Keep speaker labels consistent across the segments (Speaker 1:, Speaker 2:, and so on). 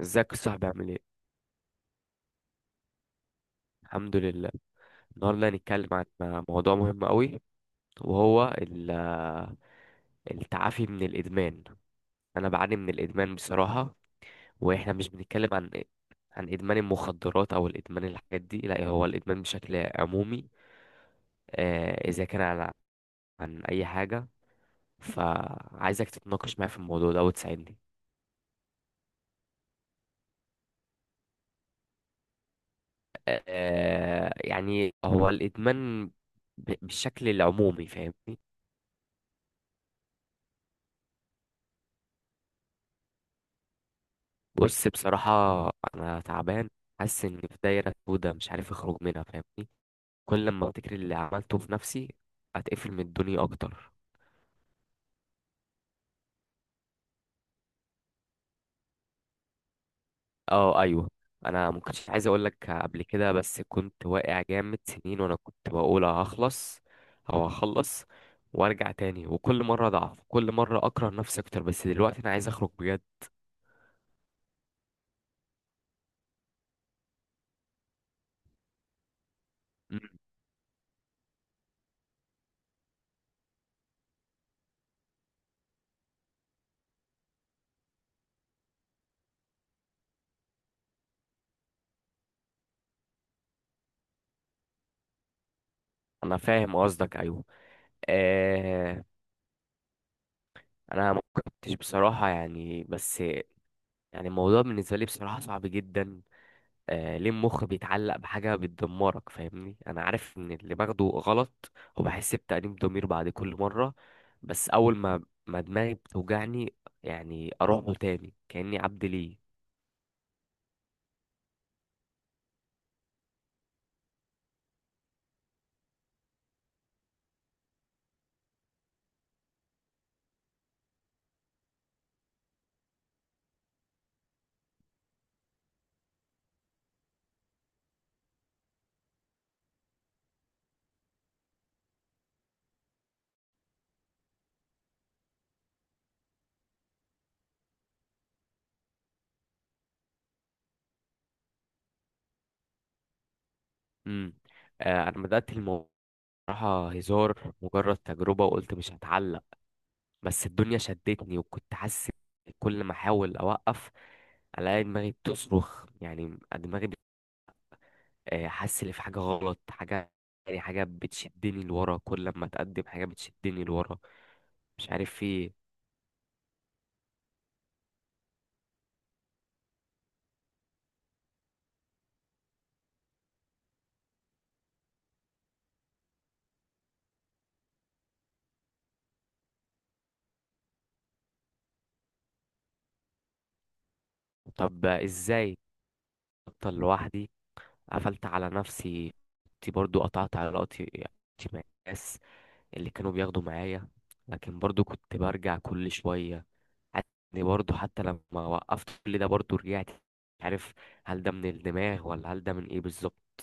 Speaker 1: ازيك يا صاحبي؟ عامل ايه؟ الحمد لله. النهارده هنتكلم عن موضوع مهم قوي، وهو التعافي من الادمان. انا بعاني من الادمان بصراحه. واحنا مش بنتكلم عن ادمان المخدرات او الادمان الحاجات دي، لا هو الادمان بشكل عمومي. اذا كان عن اي حاجه، فعايزك تتناقش معايا في الموضوع ده وتساعدني. يعني هو الادمان بالشكل العمومي، فاهمني؟ بص، بصراحة أنا تعبان. حاسس إني في دايرة سودا، مش عارف أخرج منها، فاهمني؟ كل لما أفتكر اللي عملته في نفسي أتقفل من الدنيا أكتر. أه، أيوه. أنا ما كنتش عايز أقول لك قبل كده، بس كنت واقع جامد سنين وأنا كنت بقول هخلص أو هخلص وأرجع تاني. وكل مرة أضعف، كل مرة أكره نفسي أكتر، بس دلوقتي أنا عايز أخرج بجد. مم. أنا فاهم قصدك، أيوه. آه. أنا ما كنتش بصراحة يعني، بس يعني الموضوع بالنسبة لي بصراحة صعب جدا. آه، ليه المخ بيتعلق بحاجة بتدمرك؟ فاهمني، أنا عارف إن اللي باخده غلط وبحس بتأنيب ضمير بعد كل مرة. بس أول ما دماغي بتوجعني، يعني أروح له تاني كأني عبد ليه. امم آه، أنا بدأت الموضوع بصراحة هزار، مجرد تجربة، وقلت مش هتعلق. بس الدنيا شدتني، وكنت حاسس كل ما أحاول أوقف ألاقي دماغي بتصرخ، يعني دماغي حاسس ان في حاجه غلط، حاجه يعني، حاجه بتشدني لورا، كل ما اتقدم حاجه بتشدني لورا، مش عارف في ايه. طب، ازاي؟ افضل لوحدي؟ قفلت على نفسي، كنت برضو قطعت علاقتي مع الناس اللي كانوا بياخدوا معايا، لكن برضو كنت برجع كل شويه. يعني برضو حتى لما وقفت كل ده برضو رجعت، مش عارف هل ده من الدماغ ولا هل ده من ايه بالظبط.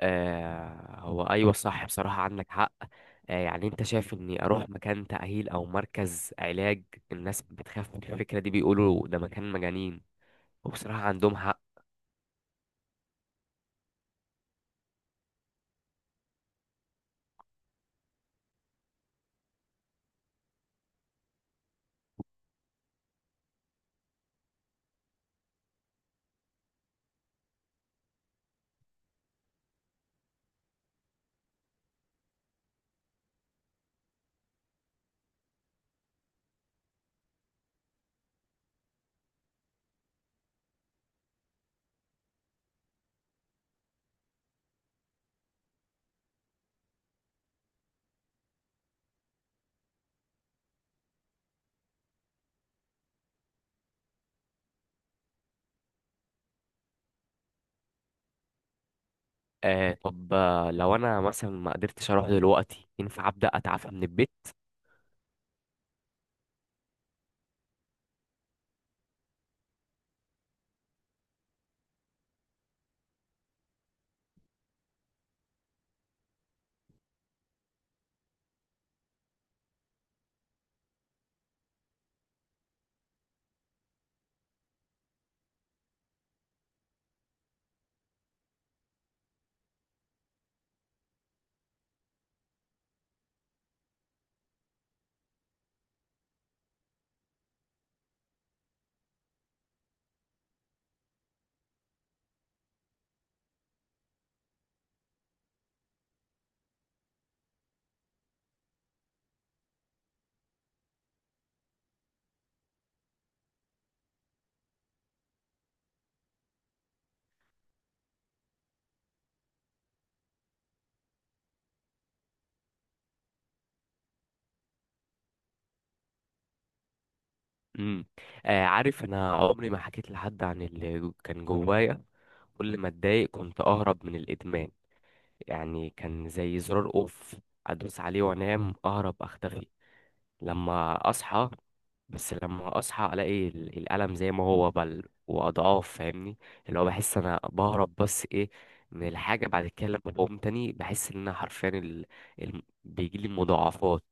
Speaker 1: آه، هو ايوه صح، بصراحة عندك حق. آه، يعني انت شايف اني اروح مكان تأهيل او مركز علاج؟ الناس بتخاف من الفكرة دي، بيقولوا ده مكان مجانين، وبصراحة عندهم حق. آه، طب، لو انا مثلا ما قدرتش اروح دلوقتي، ينفع ابدأ اتعافى من البيت؟ امم آه، عارف انا عمري ما حكيت لحد عن اللي كان جوايا. كل ما اتضايق كنت اهرب من الادمان، يعني كان زي زرار اوف، ادوس عليه وانام، اهرب، اختفي لما اصحى. بس لما اصحى الاقي الالم زي ما هو بل واضعاف، فاهمني؟ اللي هو بحس انا بهرب بس ايه من الحاجه، بعد كده لما بقوم تاني بحس ان انا حرفيا بيجي لي مضاعفات.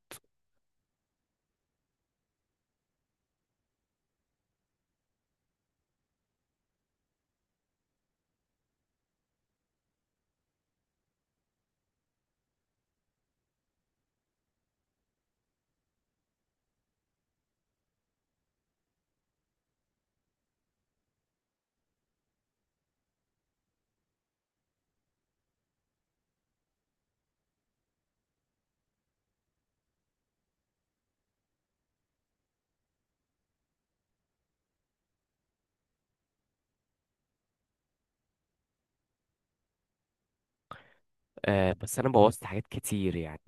Speaker 1: آه، بس انا بوظت حاجات كتير يعني،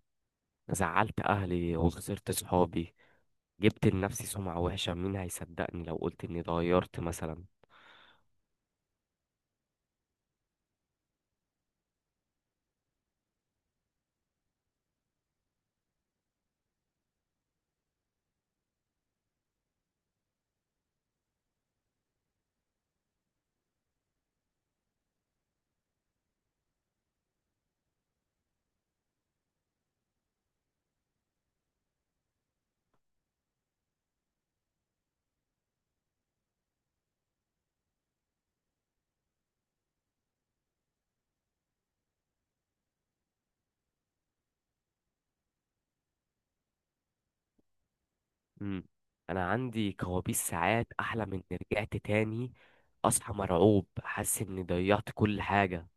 Speaker 1: زعلت اهلي وخسرت صحابي، جبت لنفسي سمعه وحشه، مين هيصدقني لو قلت اني اتغيرت مثلا؟ مم. انا عندي كوابيس، ساعات احلم اني رجعت تاني، اصحى مرعوب حاسس اني ضيعت كل حاجه.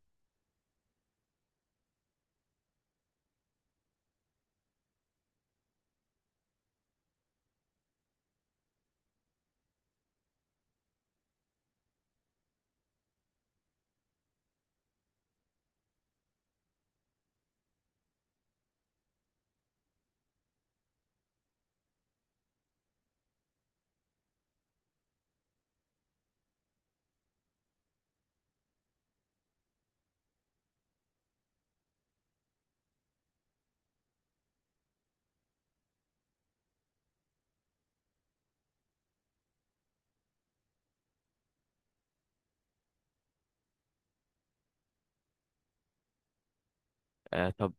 Speaker 1: آه، طب.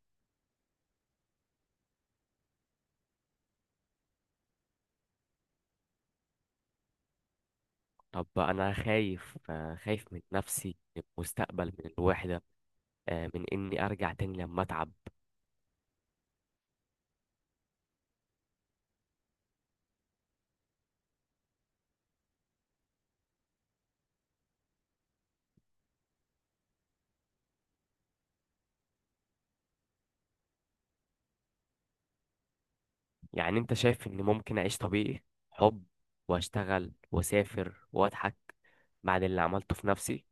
Speaker 1: طب انا خايف، خايف من نفسي، من المستقبل، من الوحده، من اني ارجع تاني لما اتعب. يعني انت شايف اني ممكن اعيش طبيعي، حب واشتغل واسافر واضحك بعد اللي عملته في نفسي؟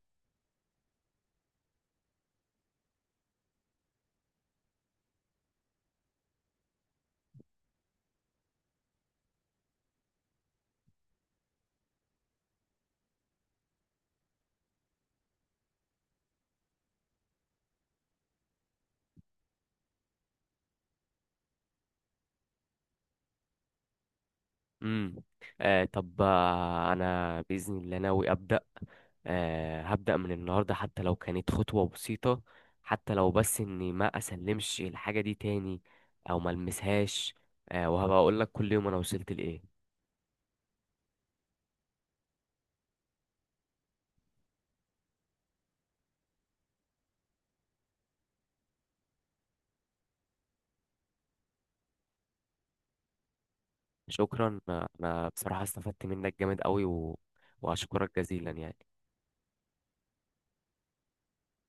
Speaker 1: امم آه، طب، انا باذن الله ناوي ابدا. آه، هبدا من النهارده حتى لو كانت خطوه بسيطه، حتى لو بس اني ما اسلمش الحاجه دي تاني، او ما المسهاش. آه، وهبقى اقول لك كل يوم انا وصلت لايه. شكرا، انا بصراحة استفدت منك جامد قوي واشكرك جزيلا يعني.